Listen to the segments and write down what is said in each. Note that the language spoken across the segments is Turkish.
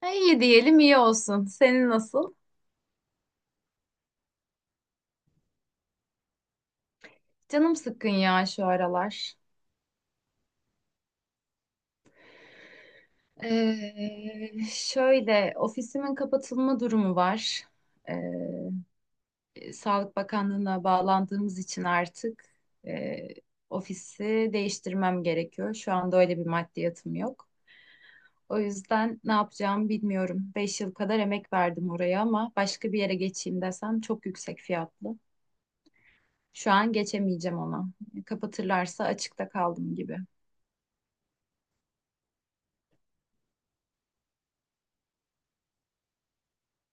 Ha, İyi diyelim iyi olsun. Senin nasıl? Canım sıkkın ya şu aralar. Şöyle ofisimin kapatılma durumu var. Ee, Sağlık Bakanlığı'na bağlandığımız için artık e, ofisi değiştirmem gerekiyor. Şu anda öyle bir maddiyatım yok. O yüzden ne yapacağımı bilmiyorum. Beş yıl kadar emek verdim oraya ama başka bir yere geçeyim desem çok yüksek fiyatlı. Şu an geçemeyeceğim ona. Kapatırlarsa açıkta kaldım gibi.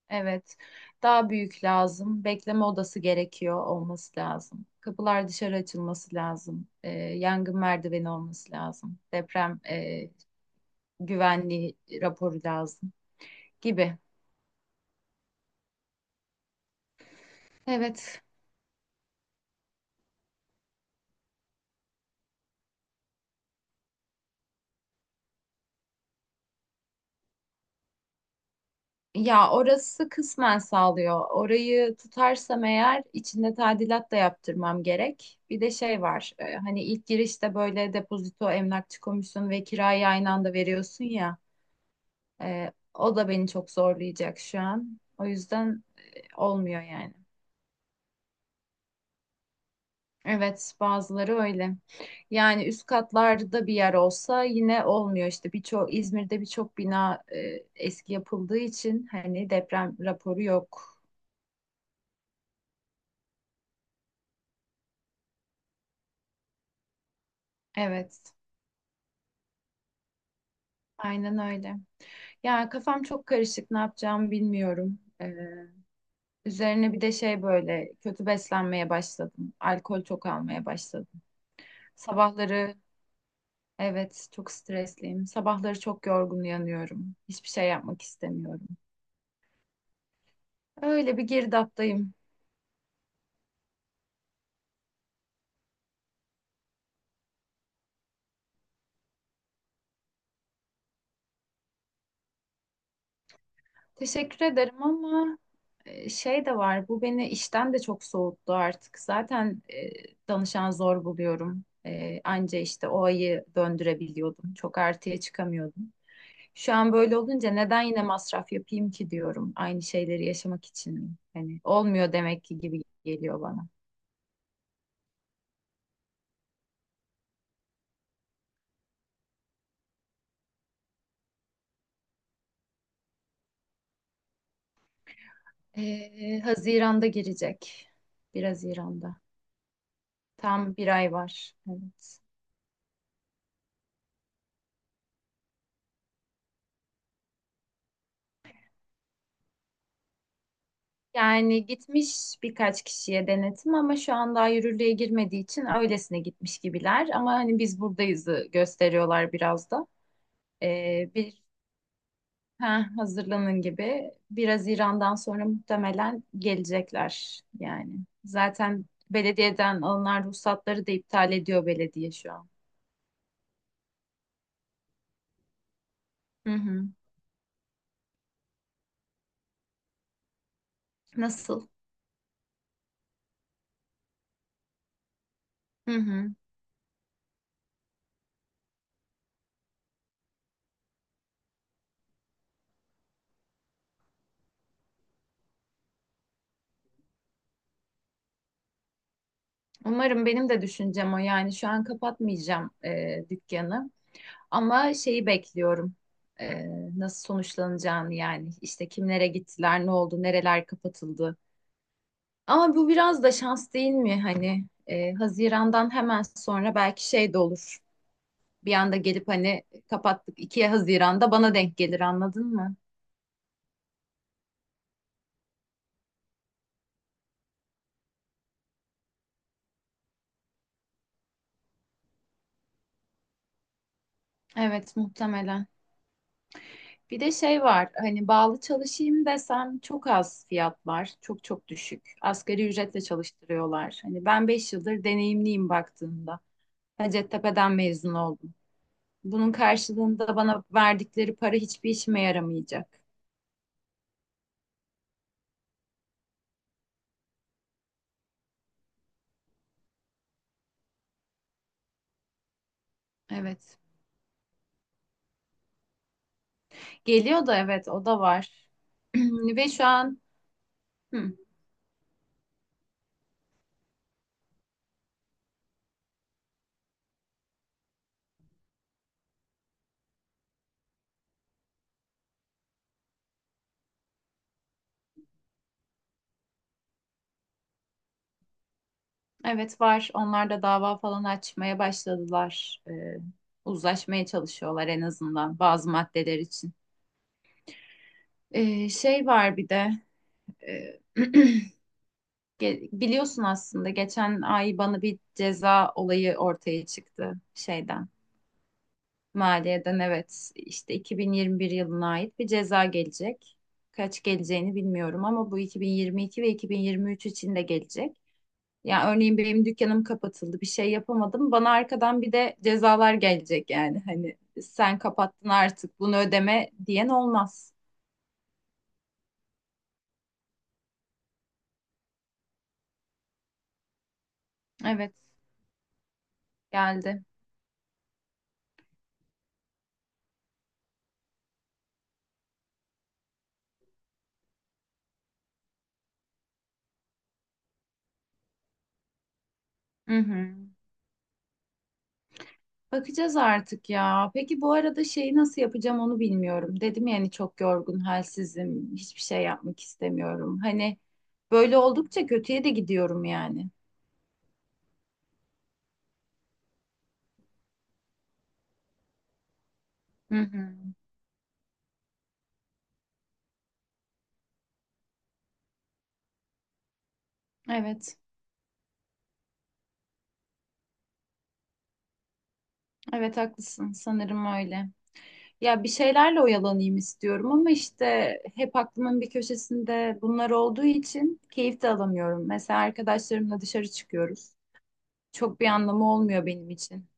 Evet. Daha büyük lazım. Bekleme odası gerekiyor olması lazım. Kapılar dışarı açılması lazım. Yangın merdiveni olması lazım. Deprem güvenliği raporu lazım gibi. Evet. Ya orası kısmen sağlıyor. Orayı tutarsam eğer içinde tadilat da yaptırmam gerek. Bir de şey var. Hani ilk girişte böyle depozito, emlakçı komisyonu ve kirayı aynı anda veriyorsun ya. O da beni çok zorlayacak şu an. O yüzden olmuyor yani. Evet, bazıları öyle. Yani üst katlarda bir yer olsa yine olmuyor işte. Birçok İzmir'de birçok bina eski yapıldığı için hani deprem raporu yok. Evet, aynen öyle. Ya kafam çok karışık. Ne yapacağımı bilmiyorum. Üzerine bir de şey böyle kötü beslenmeye başladım. Alkol çok almaya başladım. Sabahları evet, çok stresliyim. Sabahları çok yorgun uyanıyorum. Hiçbir şey yapmak istemiyorum. Öyle bir girdaptayım. Teşekkür ederim ama şey de var. Bu beni işten de çok soğuttu artık. Zaten danışan zor buluyorum. E, anca işte o ayı döndürebiliyordum. Çok artıya çıkamıyordum. Şu an böyle olunca neden yine masraf yapayım ki diyorum. Aynı şeyleri yaşamak için mi? Hani olmuyor demek ki gibi geliyor bana. Haziran'da girecek. 1 Haziran'da. Tam bir ay var. Evet. Yani gitmiş birkaç kişiye denetim ama şu an daha yürürlüğe girmediği için öylesine gitmiş gibiler. Ama hani biz buradayızı gösteriyorlar biraz da. Ee, bir ha, Hazırlanın gibi. Biraz İran'dan sonra muhtemelen gelecekler yani. Zaten belediyeden alınan ruhsatları da iptal ediyor belediye şu an. Hı hı. Nasıl? Hı hı. Umarım benim de düşüncem o. Yani şu an kapatmayacağım dükkanı. Ama şeyi bekliyorum. Ee, Nasıl sonuçlanacağını yani. İşte kimlere gittiler, ne oldu, nereler kapatıldı. Ama bu biraz da şans değil mi? Hani Haziran'dan hemen sonra belki şey de olur. Bir anda gelip hani kapattık 2 Haziran'da bana denk gelir anladın mı? Evet muhtemelen. Bir de şey var hani bağlı çalışayım desem çok az fiyatlar çok çok düşük. Asgari ücretle çalıştırıyorlar. Hani ben 5 yıldır deneyimliyim baktığımda. Hacettepe'den mezun oldum. Bunun karşılığında bana verdikleri para hiçbir işime yaramayacak. Evet. Geliyor da evet o da var. Ve şu an hı, evet var. Onlar da dava falan açmaya başladılar. Uzlaşmaya çalışıyorlar en azından bazı maddeler için. Şey var bir de e, Biliyorsun aslında geçen ay bana bir ceza olayı ortaya çıktı şeyden. Maliye'den evet işte 2021 yılına ait bir ceza gelecek. Kaç geleceğini bilmiyorum ama bu 2022 ve 2023 için de gelecek. Yani örneğin benim dükkanım kapatıldı, bir şey yapamadım. Bana arkadan bir de cezalar gelecek yani. Hani sen kapattın artık bunu ödeme diyen olmaz. Evet, geldi. Hı hı. Bakacağız artık ya. Peki bu arada şeyi nasıl yapacağım onu bilmiyorum. Dedim yani çok yorgun, halsizim, hiçbir şey yapmak istemiyorum. Hani böyle oldukça kötüye de gidiyorum yani. Hı hı. Evet, evet haklısın. Sanırım öyle. Ya bir şeylerle oyalanayım istiyorum ama işte hep aklımın bir köşesinde bunlar olduğu için keyif de alamıyorum. Mesela arkadaşlarımla dışarı çıkıyoruz. Çok bir anlamı olmuyor benim için.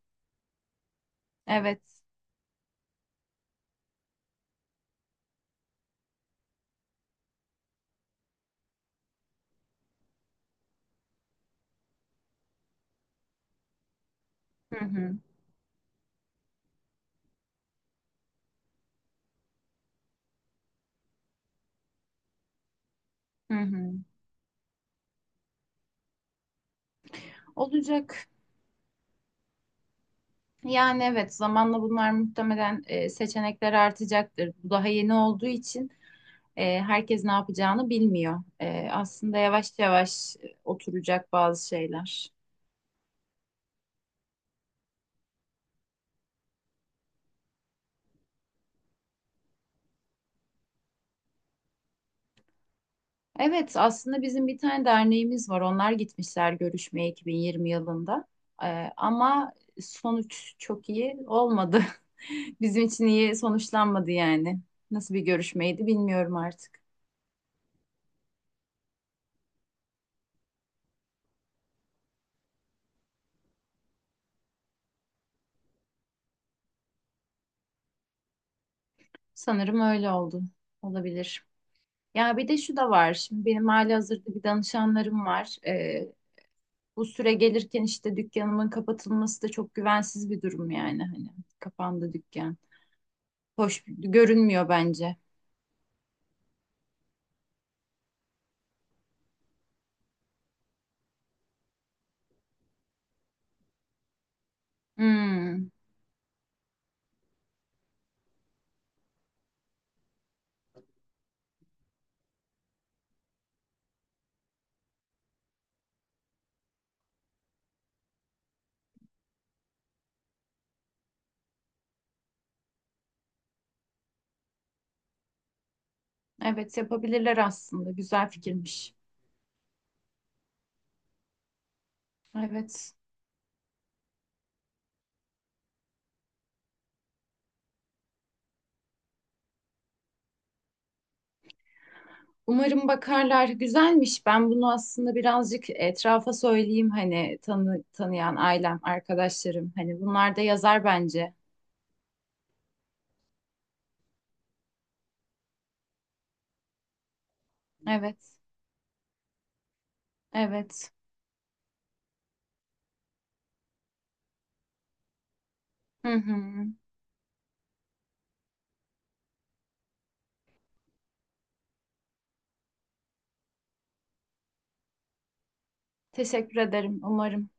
Evet. Hı hı. Hı hı. Olacak. Yani evet zamanla bunlar muhtemelen seçenekler artacaktır. Bu daha yeni olduğu için herkes ne yapacağını bilmiyor. E, aslında yavaş yavaş oturacak bazı şeyler. Evet aslında bizim bir tane derneğimiz var. Onlar gitmişler görüşmeye 2020 yılında. E, ama sonuç çok iyi olmadı. Bizim için iyi sonuçlanmadı yani. Nasıl bir görüşmeydi bilmiyorum artık. Sanırım öyle oldu. Olabilir. Ya bir de şu da var. Şimdi benim halihazırda bir danışanlarım var. Bu süre gelirken işte dükkanımın kapatılması da çok güvensiz bir durum yani. Hani kapandı dükkan. Hoş görünmüyor bence. Hmm, evet yapabilirler aslında. Güzel fikirmiş. Evet. Umarım bakarlar. Güzelmiş. Ben bunu aslında birazcık etrafa söyleyeyim hani tanıyan ailem, arkadaşlarım. Hani bunlar da yazar bence. Evet. Evet. Hı hı. Teşekkür ederim. Umarım